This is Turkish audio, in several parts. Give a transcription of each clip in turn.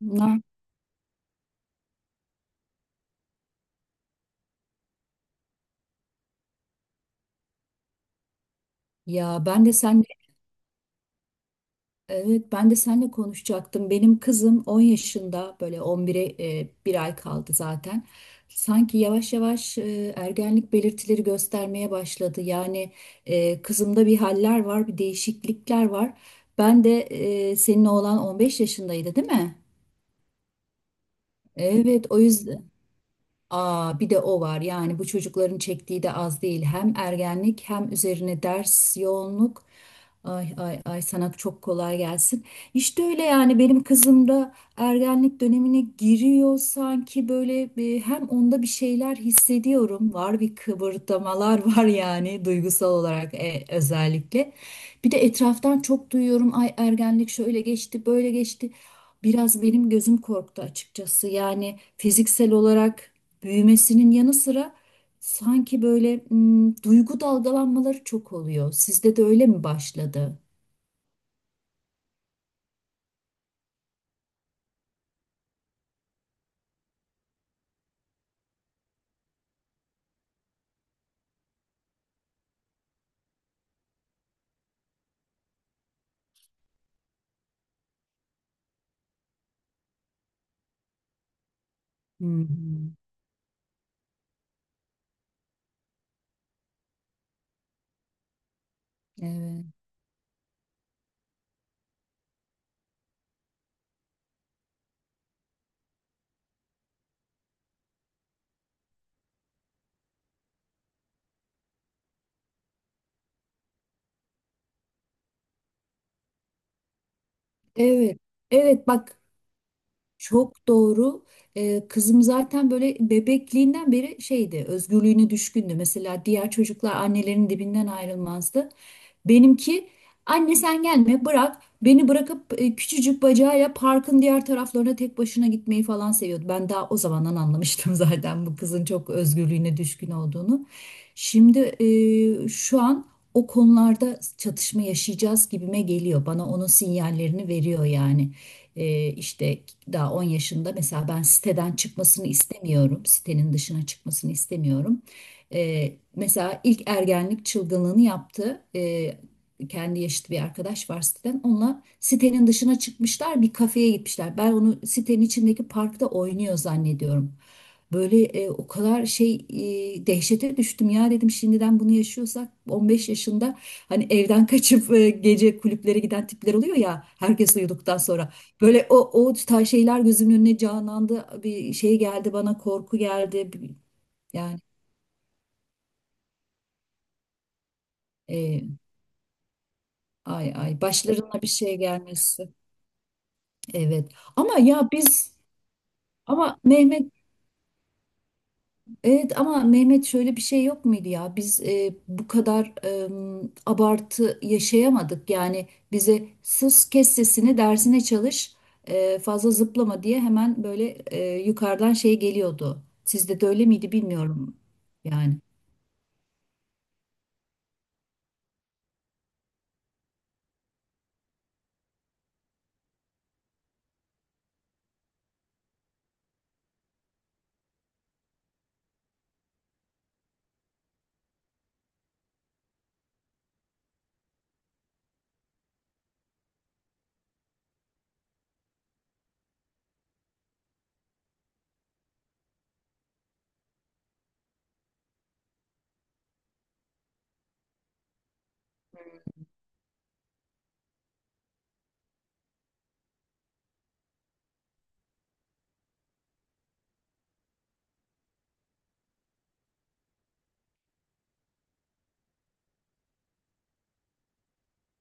Ne? Ya ben de senle Evet, ben de senle konuşacaktım. Benim kızım 10 yaşında, böyle 11'e bir ay kaldı zaten. Sanki yavaş yavaş ergenlik belirtileri göstermeye başladı. Yani, kızımda bir haller var, bir değişiklikler var. Ben de Senin oğlan 15 yaşındaydı, değil mi? Evet. o yüzden Aa, bir de o var. Yani bu çocukların çektiği de az değil. Hem ergenlik hem üzerine ders yoğunluk. Ay ay ay, sana çok kolay gelsin. İşte öyle yani, benim kızım da ergenlik dönemine giriyor sanki. Böyle bir, hem onda bir şeyler hissediyorum. Var bir kıvırtmalar var, yani duygusal olarak, özellikle. Bir de etraftan çok duyuyorum. Ay, ergenlik şöyle geçti, böyle geçti. Biraz benim gözüm korktu açıkçası. Yani fiziksel olarak büyümesinin yanı sıra sanki böyle, duygu dalgalanmaları çok oluyor. Sizde de öyle mi başladı? Hmm. Evet. Evet. Evet bak, çok doğru. Kızım zaten böyle bebekliğinden beri şeydi, özgürlüğüne düşkündü. Mesela diğer çocuklar annelerinin dibinden ayrılmazdı. Benimki, anne sen gelme bırak beni, bırakıp küçücük bacağıyla parkın diğer taraflarına tek başına gitmeyi falan seviyordu. Ben daha o zamandan anlamıştım zaten bu kızın çok özgürlüğüne düşkün olduğunu. Şimdi şu an o konularda çatışma yaşayacağız gibime geliyor. Bana onun sinyallerini veriyor yani. İşte daha 10 yaşında mesela, ben siteden çıkmasını istemiyorum. Sitenin dışına çıkmasını istemiyorum. Mesela ilk ergenlik çılgınlığını yaptı. Kendi yaşıt bir arkadaş var siteden. Onunla sitenin dışına çıkmışlar, bir kafeye gitmişler. Ben onu sitenin içindeki parkta oynuyor zannediyorum. Böyle o kadar şey, dehşete düştüm ya, dedim, şimdiden bunu yaşıyorsak 15 yaşında hani evden kaçıp gece kulüplere giden tipler oluyor ya, herkes uyuduktan sonra. Böyle o tarz şeyler gözümün önüne canlandı, bir şey geldi bana, korku geldi. Yani, e, ay ay, başlarına bir şey gelmesi. Evet. Ama ya biz ama Mehmet evet ama Mehmet şöyle bir şey yok muydu ya? Biz bu kadar abartı yaşayamadık. Yani bize sus, kes sesini, dersine çalış, fazla zıplama diye hemen böyle yukarıdan şey geliyordu. Sizde de öyle miydi bilmiyorum. Yani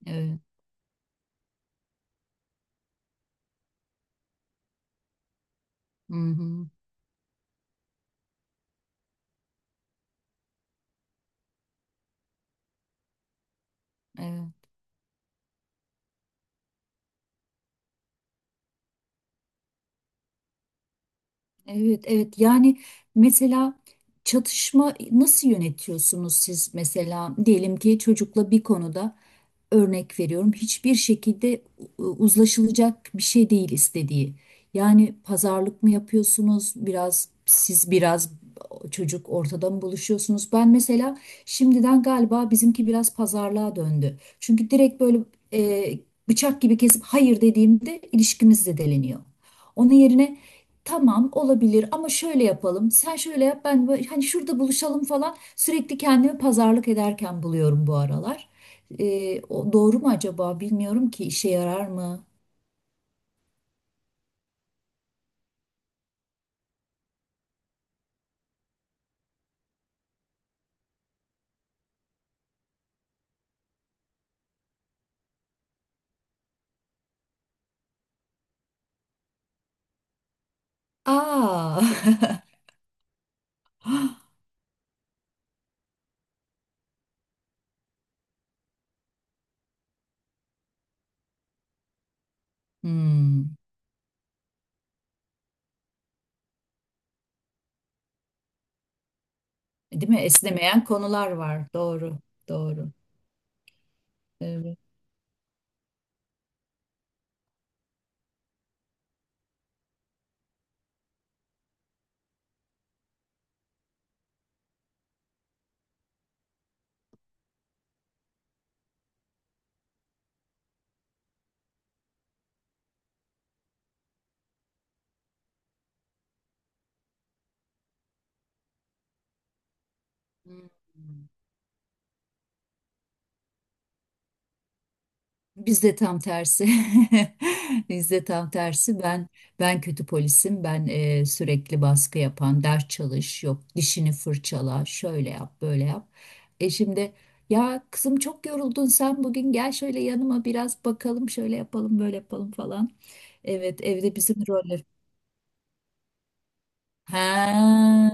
evet. Hı hı. Evet. Evet, evet. Yani mesela çatışma nasıl yönetiyorsunuz siz? Mesela diyelim ki çocukla bir konuda, örnek veriyorum, hiçbir şekilde uzlaşılacak bir şey değil istediği. Yani pazarlık mı yapıyorsunuz? Biraz siz, biraz çocuk ortada mı buluşuyorsunuz? Ben mesela şimdiden galiba bizimki biraz pazarlığa döndü. Çünkü direkt böyle e, bıçak gibi kesip hayır dediğimde ilişkimiz deleniyor. Onun yerine tamam olabilir ama şöyle yapalım. Sen şöyle yap, ben böyle, hani şurada buluşalım falan, sürekli kendimi pazarlık ederken buluyorum bu aralar. O doğru mu acaba? Bilmiyorum ki işe yarar mı? Aa. Hmm. Değil mi? Esnemeyen konular var. Doğru. Doğru. Evet. Hmm. Bizde tam tersi. Bizde tam tersi. Ben kötü polisim. Ben sürekli baskı yapan, ders çalış, yok dişini fırçala, şöyle yap, böyle yap. Şimdi, ya kızım çok yoruldun sen bugün, gel şöyle yanıma biraz, bakalım şöyle yapalım, böyle yapalım falan. Evet, evde bizim roller. Ha,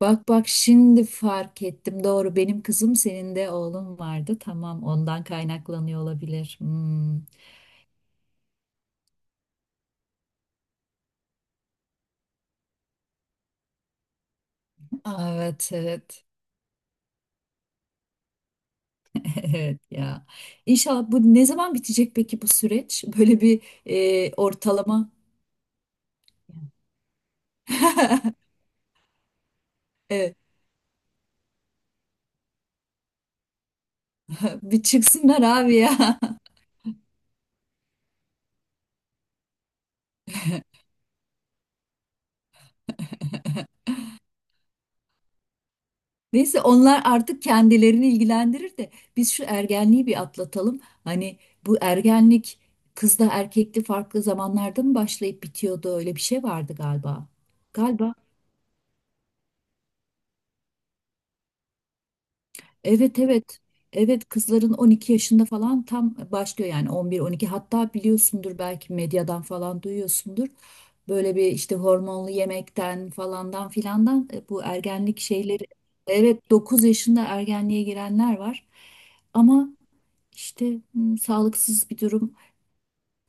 bak bak, şimdi fark ettim. Doğru, benim kızım, senin de oğlum vardı. Tamam, ondan kaynaklanıyor olabilir. Hmm. Evet evet. Evet ya. İnşallah bu ne zaman bitecek peki bu süreç? Böyle bir ortalama. Evet, bir çıksınlar abi ya. Neyse, onlar artık kendilerini ilgilendirir de biz şu ergenliği bir atlatalım. Hani bu ergenlik kızda erkekli farklı zamanlarda mı başlayıp bitiyordu? Öyle bir şey vardı galiba. Galiba. Evet evet. Evet, kızların 12 yaşında falan tam başlıyor yani, 11-12, hatta biliyorsundur, belki medyadan falan duyuyorsundur. Böyle bir işte hormonlu yemekten falandan filandan bu ergenlik şeyleri, evet, 9 yaşında ergenliğe girenler var. Ama işte sağlıksız bir durum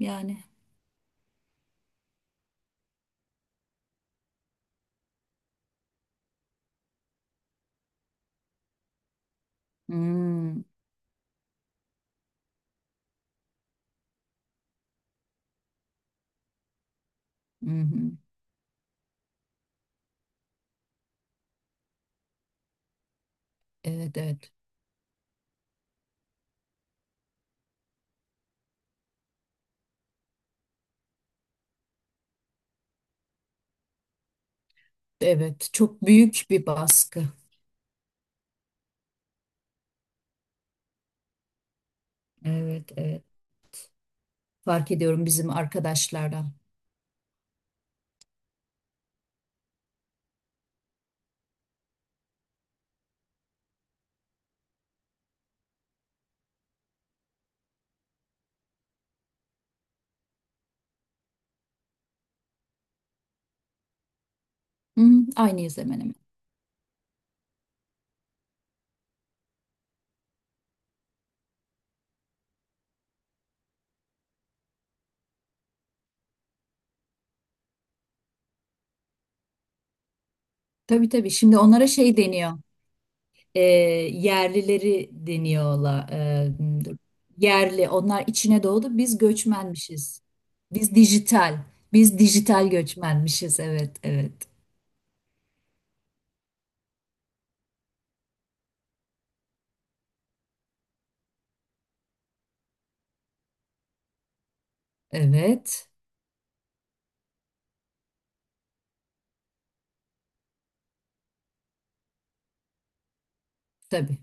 yani. Hmm, hı hı. Evet evet. Evet, çok büyük bir baskı. Evet evet. Fark ediyorum bizim arkadaşlardan. Hı hı, aynıyız hemen hemen. Tabii tabii. Şimdi onlara şey deniyor. E, Yerlileri deniyorlar. Yerli. Onlar içine doğdu. Biz göçmenmişiz. Biz dijital. Biz dijital göçmenmişiz. Evet, evet, evet. Tabii.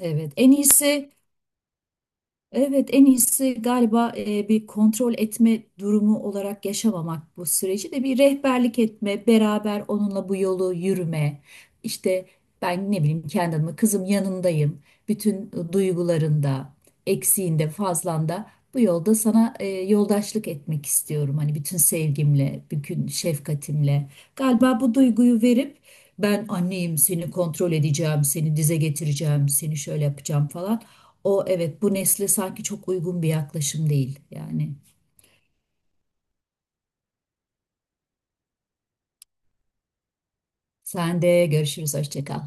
Evet. En iyisi. Evet, en iyisi galiba bir kontrol etme durumu olarak yaşamamak bu süreci de, bir rehberlik etme, beraber onunla bu yolu yürüme. İşte ben ne bileyim, kendi adıma, kızım yanındayım. Bütün duygularında, eksiğinde, fazlanda, bu yolda sana yoldaşlık etmek istiyorum. Hani bütün sevgimle, bütün şefkatimle. Galiba bu duyguyu verip, ben anneyim, seni kontrol edeceğim, seni dize getireceğim, seni şöyle yapacağım falan, o evet, bu nesle sanki çok uygun bir yaklaşım değil. Yani sen de görüşürüz, hoşça kal.